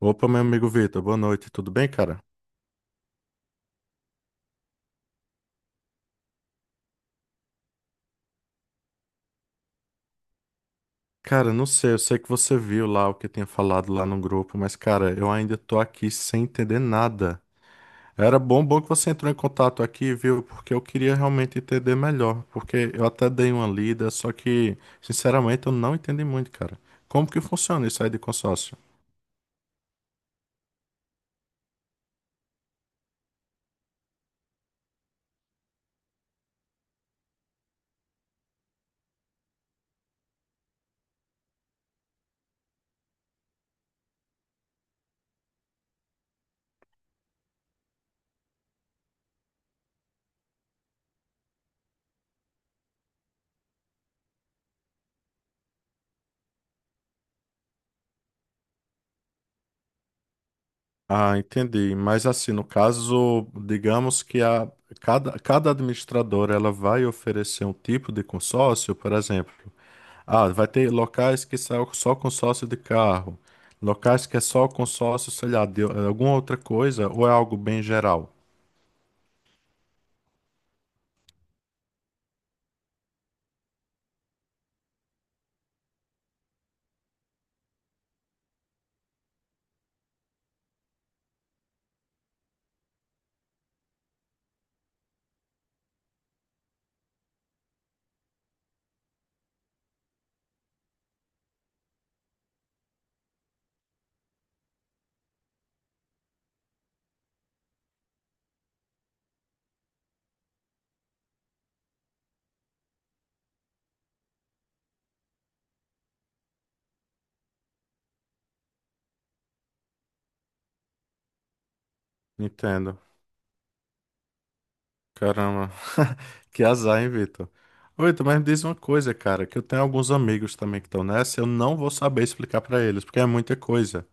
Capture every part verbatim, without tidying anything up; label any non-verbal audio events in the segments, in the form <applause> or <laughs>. Opa, meu amigo Vitor, boa noite, tudo bem, cara? Cara, não sei, eu sei que você viu lá o que eu tinha falado lá no grupo, mas, cara, eu ainda tô aqui sem entender nada. Era bom, bom que você entrou em contato aqui, viu? Porque eu queria realmente entender melhor, porque eu até dei uma lida, só que, sinceramente, eu não entendi muito, cara. Como que funciona isso aí de consórcio? Ah, entendi. Mas assim, no caso, digamos que a, cada, cada administradora ela vai oferecer um tipo de consórcio, por exemplo. Ah, vai ter locais que são só com sócio de carro, locais que é só com sócio, sei lá, de alguma outra coisa, ou é algo bem geral? Entendo. Caramba. <laughs> Que azar, hein, Vitor? Ô, Vitor, mas me diz uma coisa, cara, que eu tenho alguns amigos também que estão nessa, eu não vou saber explicar pra eles, porque é muita coisa.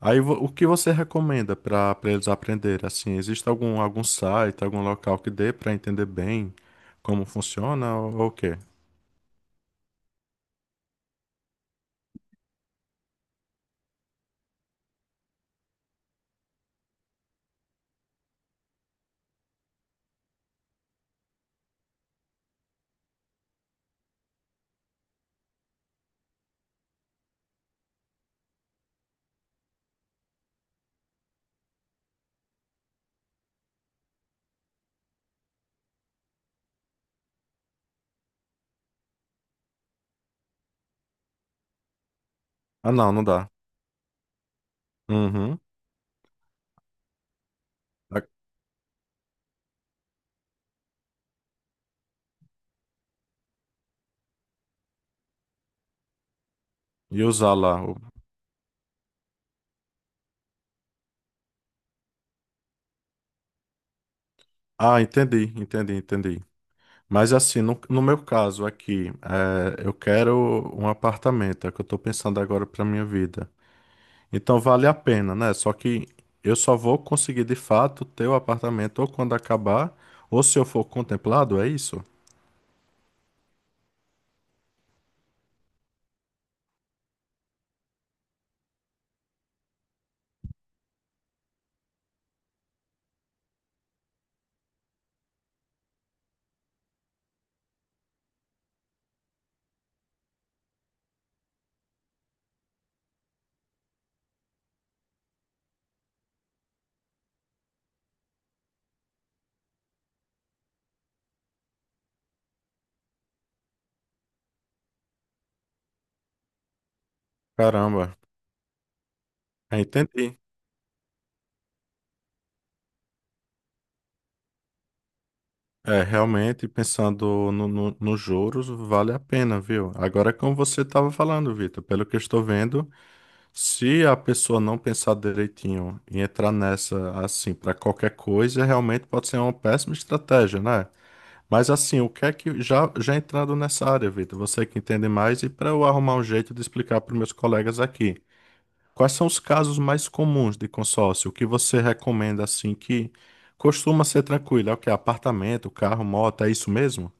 Aí, vo- o que você recomenda pra para eles aprenderem? Assim, existe algum, algum site, algum local que dê pra entender bem como funciona ou ou o quê? Ah, não, não dá. Uhum. E usar lá. o- Ah, entendi, entendi, entendi. Mas assim, no, no meu caso aqui, é, eu quero um apartamento, é o que eu tô pensando agora pra minha vida. Então vale a pena, né? Só que eu só vou conseguir de fato ter o apartamento ou quando acabar, ou se eu for contemplado, é isso? Caramba, é, entendi. É, realmente, pensando no, no- nos juros, vale a pena, viu? Agora, é como você estava falando, Vitor, pelo que eu estou vendo. Se a pessoa não pensar direitinho e entrar nessa assim para qualquer coisa, realmente pode ser uma péssima estratégia, né? Mas assim, o que é que já já entrando nessa área, Vitor, você que entende mais e para eu arrumar um jeito de explicar para meus colegas aqui, quais são os casos mais comuns de consórcio? O que você recomenda assim que costuma ser tranquilo? É o que apartamento, carro, moto, é isso mesmo?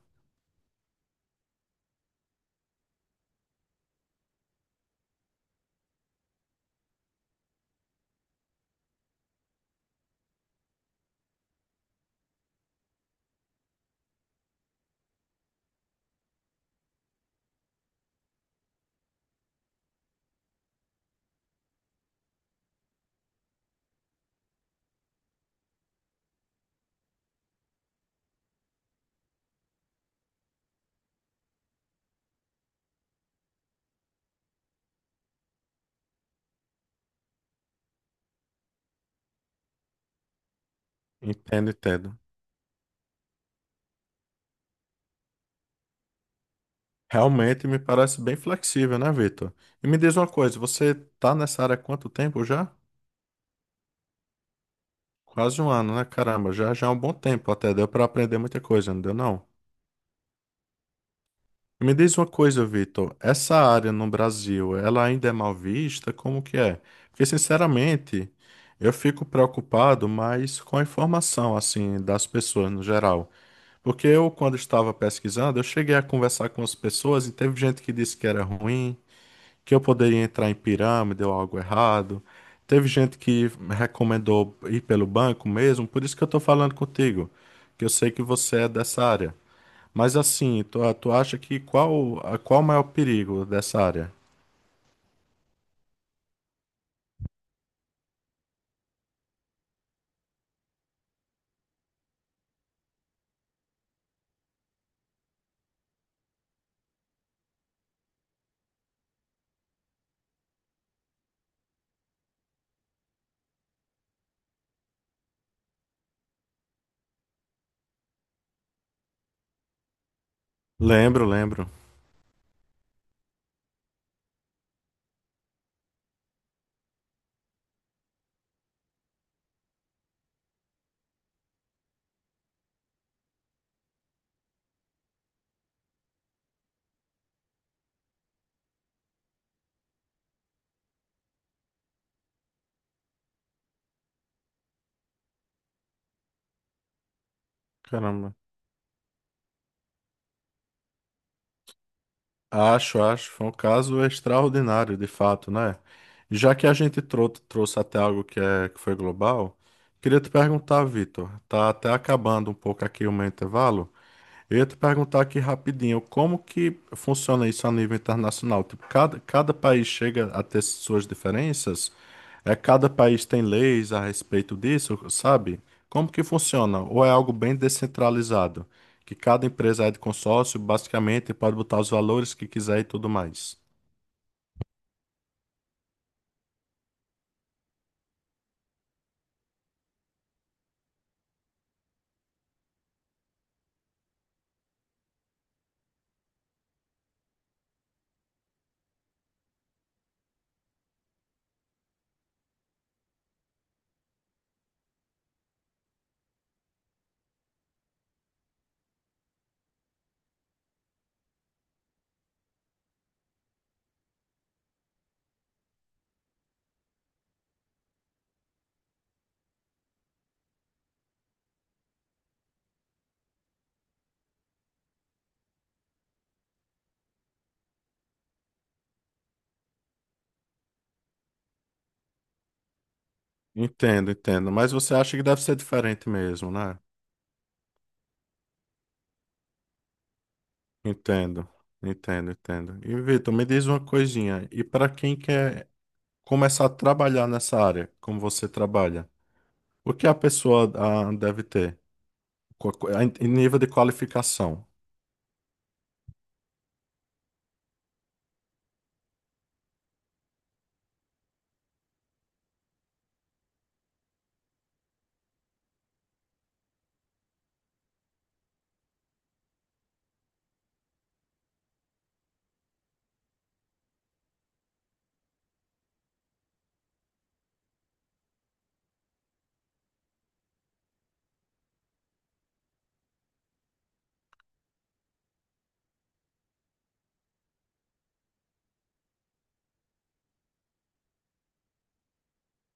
Entendo, entendo. Realmente me parece bem flexível, né, Vitor? E me diz uma coisa, você tá nessa área há quanto tempo já? Quase um ano, né? Caramba, já já é um bom tempo até, deu para aprender muita coisa, não deu não? E me diz uma coisa, Vitor, essa área no Brasil, ela ainda é mal vista? Como que é? Porque, sinceramente, eu fico preocupado mais com a informação, assim, das pessoas no geral. Porque eu, quando estava pesquisando, eu cheguei a conversar com as pessoas e teve gente que disse que era ruim, que eu poderia entrar em pirâmide ou algo errado. Teve gente que recomendou ir pelo banco mesmo, por isso que eu estou falando contigo, que eu sei que você é dessa área. Mas assim, tu, tu acha que qual, a- qual o maior perigo dessa área? Lembro, lembro. Caramba. Acho, acho. Foi um caso extraordinário, de fato, né? Já que a gente trou trouxe até algo que, é, que foi global, queria te perguntar, Vitor, tá até acabando um pouco aqui o meu intervalo. Eu ia te perguntar aqui rapidinho, como que funciona isso a nível internacional? Tipo, cada, cada país chega a ter suas diferenças? É, cada país tem leis a respeito disso, sabe? Como que funciona? Ou é algo bem descentralizado? Que cada empresa é de consórcio, basicamente, pode botar os valores que quiser e tudo mais. Entendo, entendo. Mas você acha que deve ser diferente mesmo, né? Entendo, entendo, entendo. E Vitor, me diz uma coisinha. E para quem quer começar a trabalhar nessa área, como você trabalha, o que a pessoa ah, deve ter Qua- qua- em em nível de qualificação?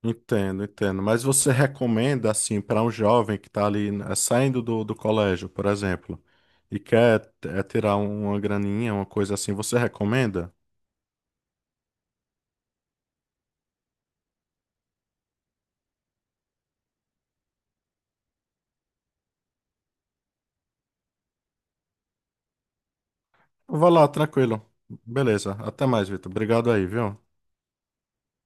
Entendo, entendo. Mas você recomenda, assim, para um jovem que está ali né, saindo do, do colégio, por exemplo, e quer t- eh, tirar um- uma graninha, uma coisa assim, você recomenda? Vá lá, tranquilo. Beleza. Até mais, Vitor. Obrigado aí, viu?